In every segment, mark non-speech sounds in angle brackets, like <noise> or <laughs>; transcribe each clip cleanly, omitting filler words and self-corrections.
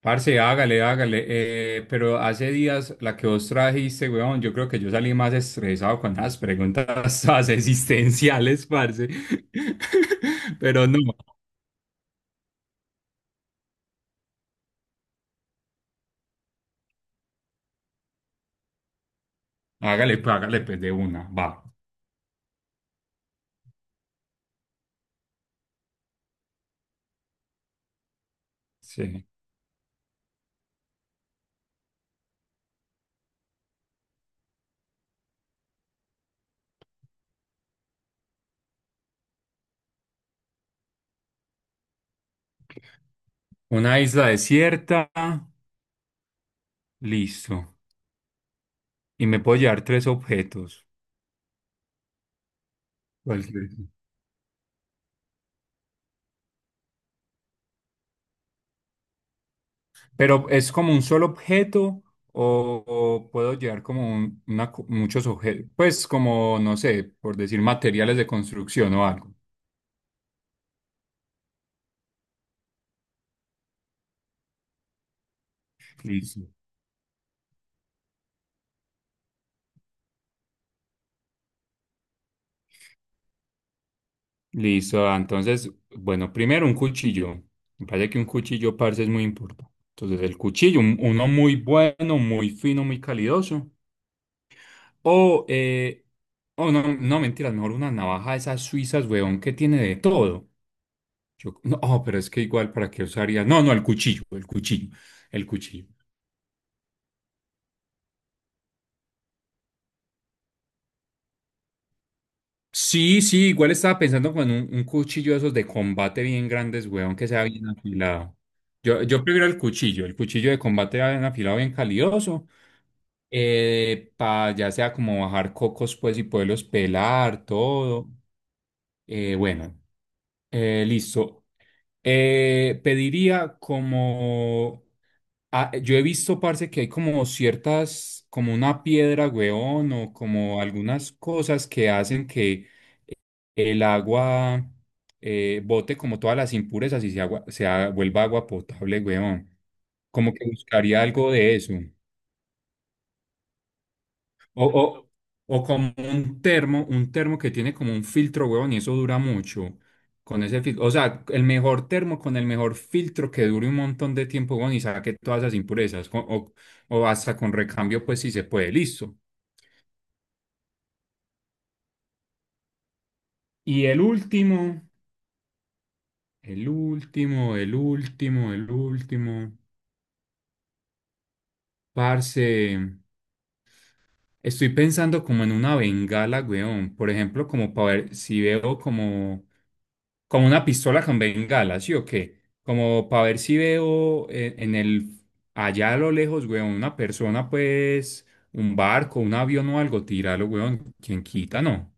Parce, hágale, hágale. Pero hace días la que vos trajiste, weón, yo creo que yo salí más estresado con las preguntas <laughs> todas existenciales, parce. <laughs> Pero no, hágale, pues de una, va. Sí. Una isla desierta, listo. Y me puedo llevar tres objetos. Cualquier- Pero es como un solo objeto o puedo llevar como muchos objetos, pues como, no sé, por decir materiales de construcción o algo. Listo. Listo, ah, entonces, bueno, primero un cuchillo. Me parece que un cuchillo, parce, es muy importante. Entonces, el cuchillo, uno muy bueno, muy fino, muy calidoso. O, eh, oh, no, no, mentiras, mejor una navaja de esas suizas, weón, que tiene de todo. No, oh, pero es que igual, ¿para qué usaría? No, no, el cuchillo, el cuchillo, el cuchillo. Sí, sí, igual estaba pensando con un cuchillo de esos de combate bien grandes, weón, que sea bien afilado. Yo prefiero el cuchillo de combate bien afilado, bien calidoso. Pa ya sea como bajar cocos pues y poderlos pelar, todo. Bueno, listo. Pediría como yo he visto, parce, que hay como ciertas, como una piedra, weón, o como algunas cosas que hacen que el agua bote como todas las impurezas y se, agua, se ha- vuelva agua potable, weón. Como que buscaría algo de eso. O, o, o como un termo que tiene como un filtro, huevón, y eso dura mucho. Con ese filtro, o sea, el mejor termo con el mejor filtro que dure un montón de tiempo, huevón, y saque todas esas impurezas. O hasta con recambio, pues si se puede, listo. Y el último, el último, el último, el último, parce. Estoy pensando como en una bengala, weón. Por ejemplo, como para ver si veo como una pistola con bengala, ¿sí o qué? Como para ver si veo allá a lo lejos, weón, una persona, pues, un barco, un avión o algo, tíralo, weón. ¿Quién quita, no?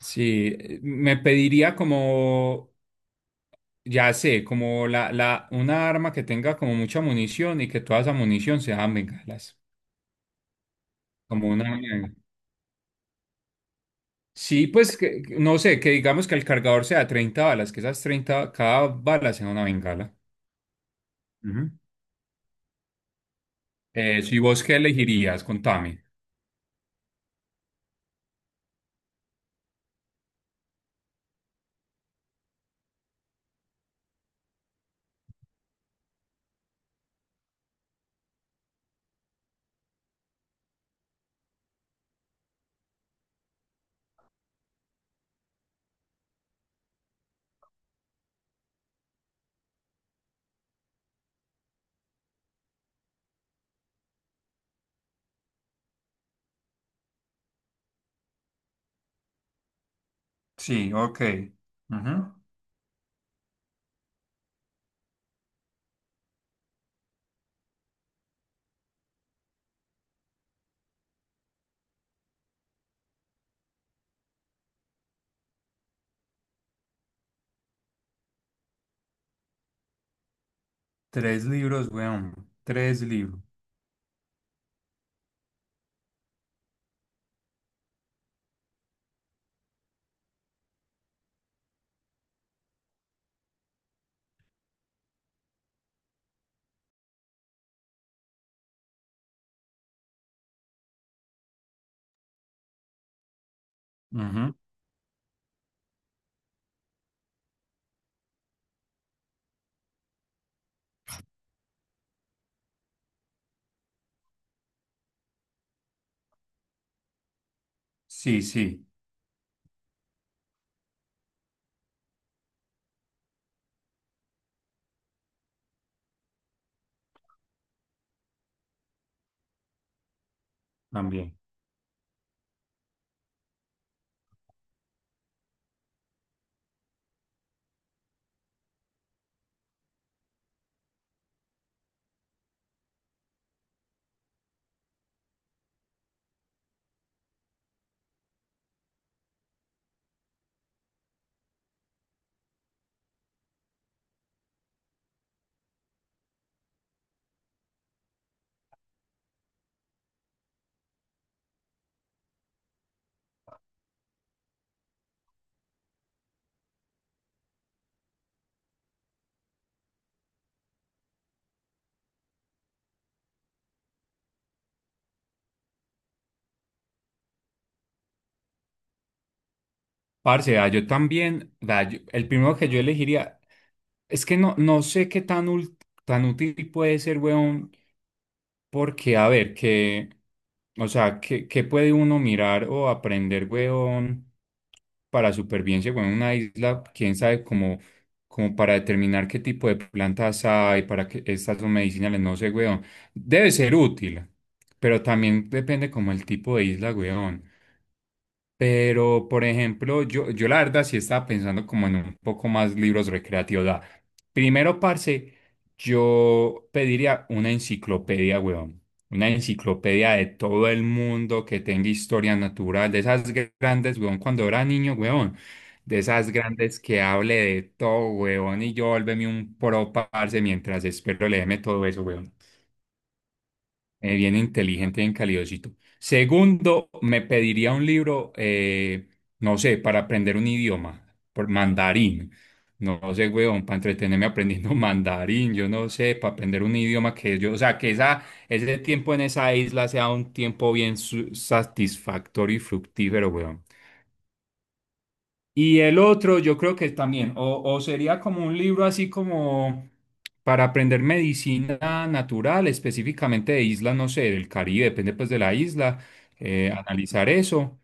Sí, me pediría como, ya sé, como una arma que tenga como mucha munición y que toda esa munición sea bengalas. Como una. Sí, pues no sé, que digamos que el cargador sea 30 balas, que esas 30 cada bala sea una bengala. Ujú. Si vos qué elegirías, contame. Sí, ok. Ujú. Tres libros, weón. Tres libros. Ujú. Sí, sí, también. Parce, ah, yo también, el primero que yo elegiría, es que no, no sé qué tan útil puede ser, weón. Porque, a ver, que, o sea, ¿qué puede uno mirar o aprender, weón, para supervivencia, weón, en una isla? Quién sabe, como para determinar qué tipo de plantas hay, para que estas son medicinales, no sé, weón. Debe ser útil, pero también depende como el tipo de isla, weón. Pero, por ejemplo, yo la verdad sí estaba pensando como en un poco más libros recreativos. O sea, primero, parce, yo pediría una enciclopedia, weón. Una enciclopedia de todo el mundo que tenga historia natural, de esas grandes, weón, cuando era niño, weón. De esas grandes que hable de todo, weón. Y yo volverme un pro, parce, mientras espero leerme todo eso, weón. Bien inteligente, bien calidosito. Segundo, me pediría un libro, no sé, para aprender un idioma, por mandarín. No, sé, weón, para entretenerme aprendiendo <laughs> mandarín, yo no sé, para aprender un idioma que o sea, que ese tiempo en esa isla sea un tiempo bien satisfactorio y fructífero, weón. Y el otro, yo creo que también, o sería como un libro así como para aprender medicina natural, específicamente de islas, no sé, del Caribe, depende pues de la isla, analizar eso.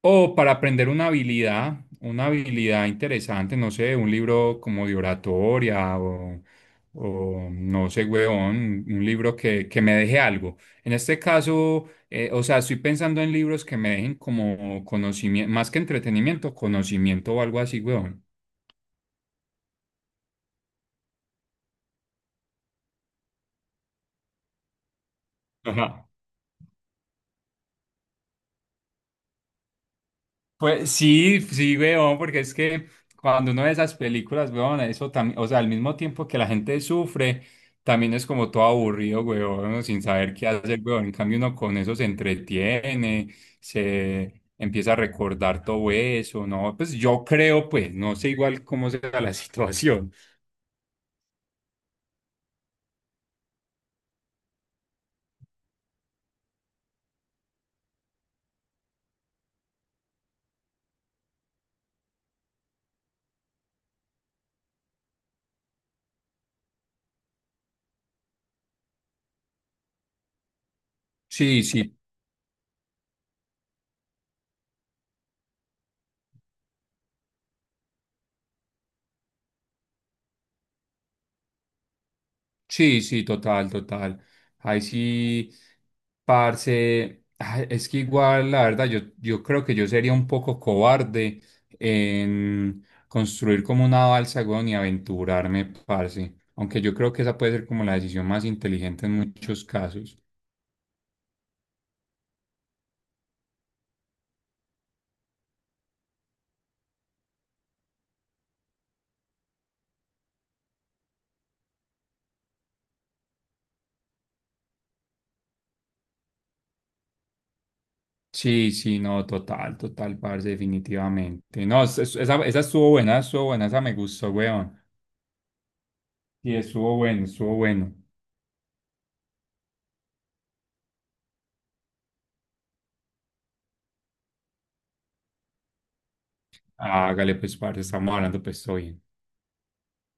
O para aprender una habilidad interesante, no sé, un libro como de oratoria o no sé, huevón, un libro que me deje algo. En este caso, o sea, estoy pensando en libros que me dejen como conocimiento, más que entretenimiento, conocimiento o algo así, huevón. Ajá. Pues sí, sí, weón, porque es que cuando uno ve esas películas, weón, eso también, o sea, al mismo tiempo que la gente sufre, también es como todo aburrido, weón, uno sin saber qué hacer, weón. En cambio, uno con eso se entretiene, se empieza a recordar todo eso, ¿no? Pues yo creo, pues, no sé igual cómo sea la <laughs> situación. Sí, sí. Sí, sí, total, total. Ahí sí, parce, ah, es que igual, la verdad, yo creo que yo sería un poco cobarde en construir como una balsa, weón, y aventurarme, parce. Aunque yo creo que esa puede ser como la decisión más inteligente en muchos casos. Sí, sí, no, total, total, parce, definitivamente. No, esa estuvo buena, esa me gustó, weón. Sí, estuvo bueno, estuvo bueno. Hágale, pues, parce, estamos hablando, pues, estoy